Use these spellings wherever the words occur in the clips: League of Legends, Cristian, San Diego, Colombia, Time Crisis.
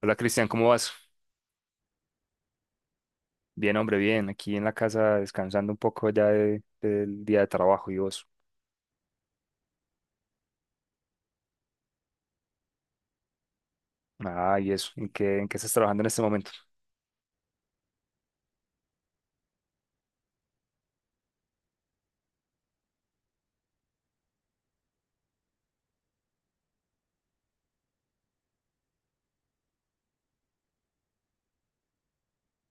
Hola, Cristian, ¿cómo vas? Bien, hombre, bien. Aquí en la casa descansando un poco ya del día de trabajo, ¿y vos? Ah, ¿y eso? ¿En qué estás trabajando en este momento?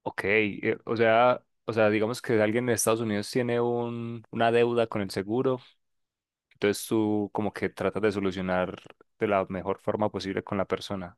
Ok, o sea, digamos que alguien en Estados Unidos tiene una deuda con el seguro, entonces tú como que tratas de solucionar de la mejor forma posible con la persona.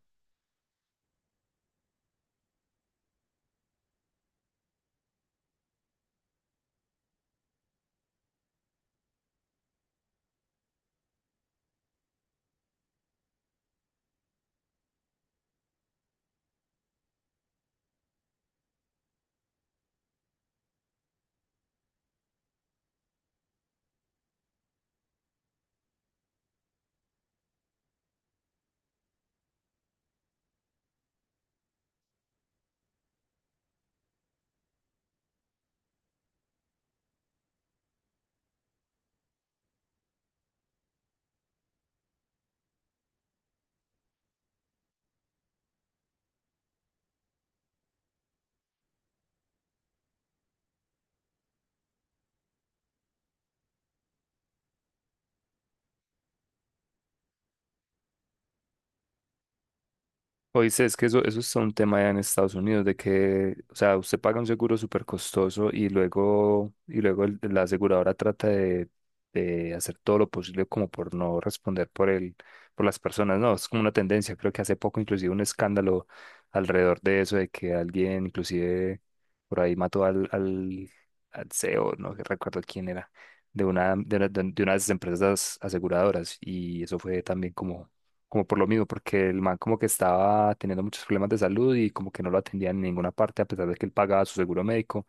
Oíste, es que eso es un tema allá en Estados Unidos, de que, o sea, usted paga un seguro súper costoso y luego, la aseguradora trata de hacer todo lo posible como por no responder por por las personas. No, es como una tendencia. Creo que hace poco inclusive un escándalo alrededor de eso, de que alguien inclusive por ahí mató al CEO, no recuerdo quién era, de de una de las empresas aseguradoras. Y eso fue también como por lo mismo, porque el man como que estaba teniendo muchos problemas de salud y como que no lo atendían en ninguna parte, a pesar de que él pagaba su seguro médico.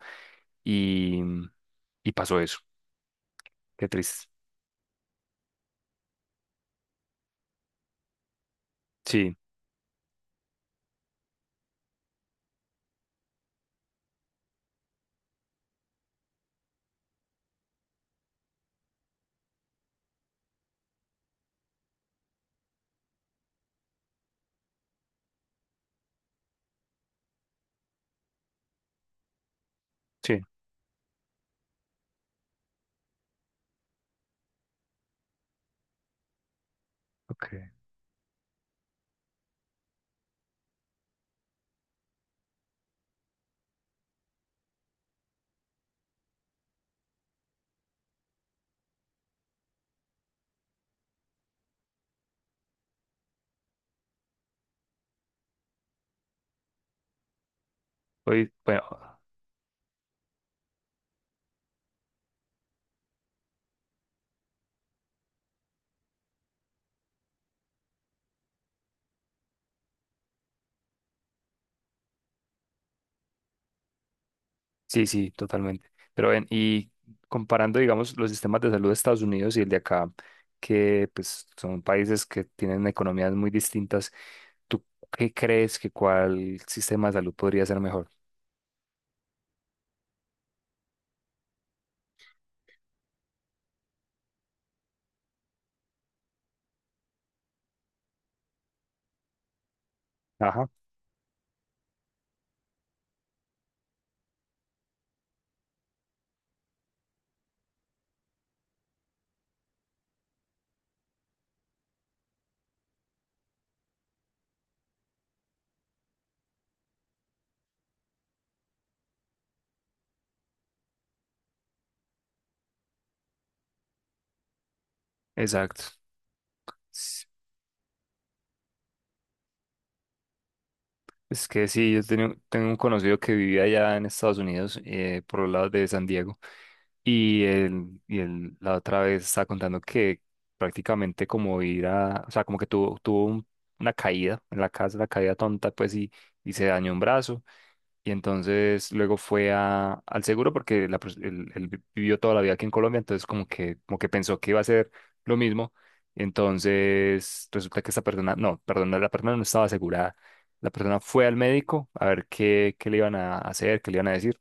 Y, y pasó eso. Qué triste. Sí, sí, ok. Hoy, bueno, sí, sí, totalmente. Pero ven, y comparando, digamos, los sistemas de salud de Estados Unidos y el de acá, que pues son países que tienen economías muy distintas, ¿tú qué crees que cuál sistema de salud podría ser mejor? Ajá, exacto. Es que sí, yo tengo un conocido que vivía allá en Estados Unidos, por los lados de San Diego, y él la otra vez estaba contando que prácticamente como ir a, o sea, como que tuvo una caída en la casa, una caída tonta, pues, y se dañó un brazo, y entonces luego fue a, al seguro porque él, vivió toda la vida aquí en Colombia, entonces como que pensó que iba a ser lo mismo. Entonces resulta que esta persona, no, perdón, la persona no estaba asegurada. La persona fue al médico a ver qué, qué le iban a hacer, qué le iban a decir.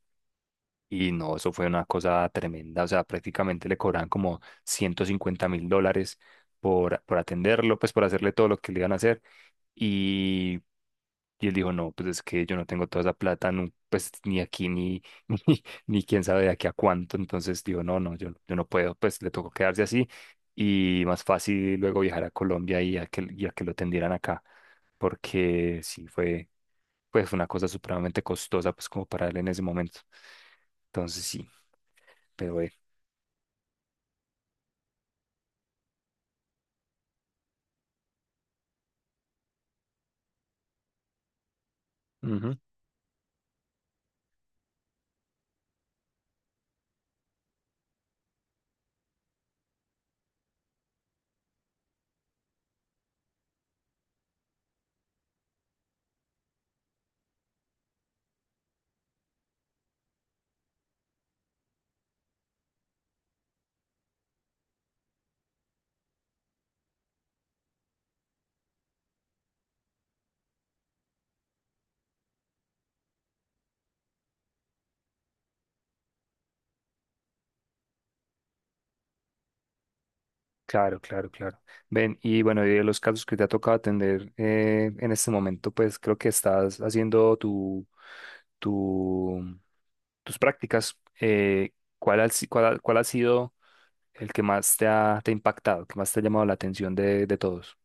Y no, eso fue una cosa tremenda. O sea, prácticamente le cobraban como $150,000 por atenderlo, pues por hacerle todo lo que le iban a hacer. Y él dijo, no, pues es que yo no tengo toda esa plata, nu- pues ni aquí, ni, ni, ni quién sabe de aquí a cuánto. Entonces dijo no, no, yo no puedo, pues le tocó quedarse así y más fácil luego viajar a Colombia y a que lo tendieran acá, porque sí fue, pues fue una cosa supremamente costosa, pues como para él en ese momento. Entonces sí, pero bueno. Claro, claro, claro. Ven, y bueno, y de los casos que te ha tocado atender en este momento, pues creo que estás haciendo tu, tus prácticas. ¿Cuál ha, si- cuál ha sido el que más te ha impactado, que más te ha llamado la atención de todos?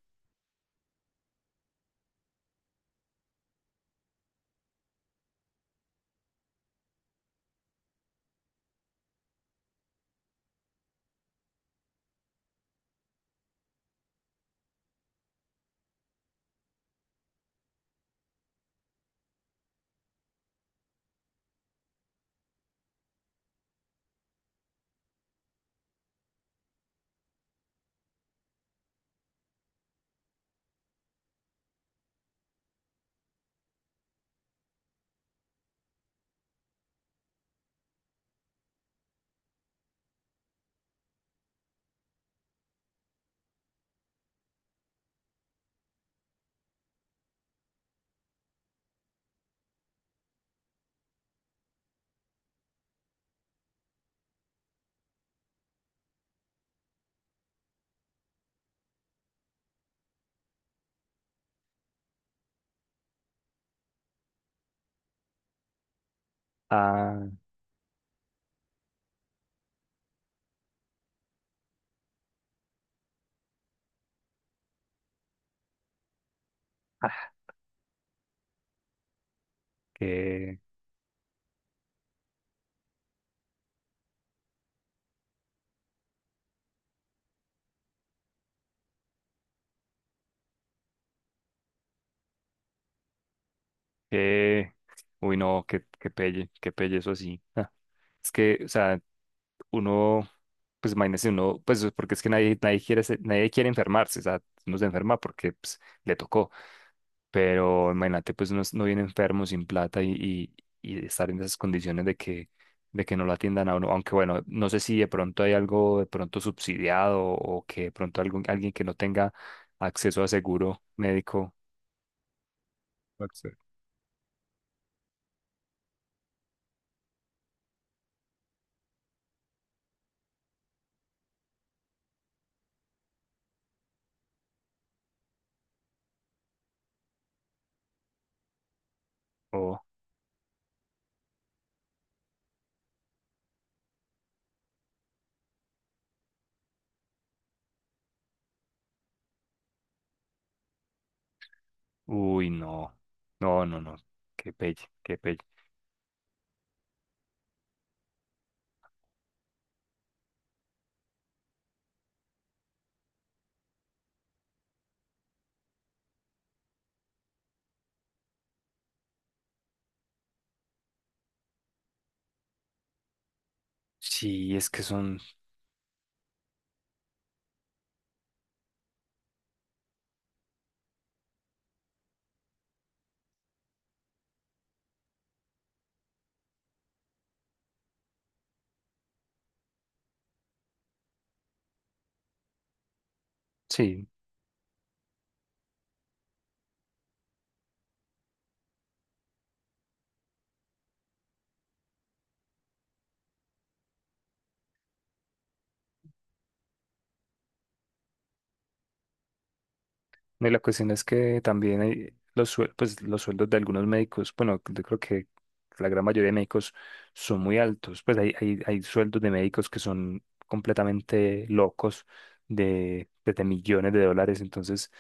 Ah, que, que, uy, no, que pelle, eso sí. Ah, es que, o sea, uno, pues imagínese uno, pues porque es que nadie, nadie quiere, nadie quiere enfermarse, o sea, uno se enferma porque pues le tocó, pero imagínate, pues uno no viene enfermo sin plata y, y estar en esas condiciones de que no lo atiendan a uno, aunque bueno, no sé si de pronto hay algo de pronto subsidiado o que de pronto algún, alguien que no tenga acceso a seguro médico. Exacto. O, uy, no, qué pelle, qué pelle. Sí, es que son, sí. No, y la cuestión es que también hay los, pues, los sueldos de algunos médicos, bueno, yo creo que la gran mayoría de médicos son muy altos, pues hay, hay sueldos de médicos que son completamente locos de, pues, de millones de dólares, entonces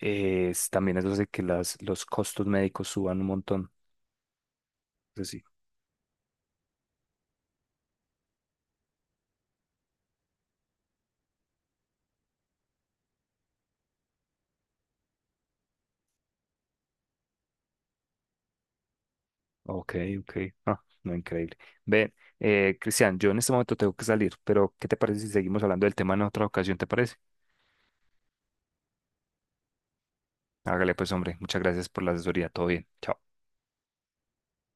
también eso hace que los costos médicos suban un montón. Entonces, sí, ok, ok, ah, no, increíble. Ve, Cristian, yo en este momento tengo que salir, pero ¿qué te parece si seguimos hablando del tema en otra ocasión? ¿Te parece? Hágale pues, hombre. Muchas gracias por la asesoría. Todo bien. Chao.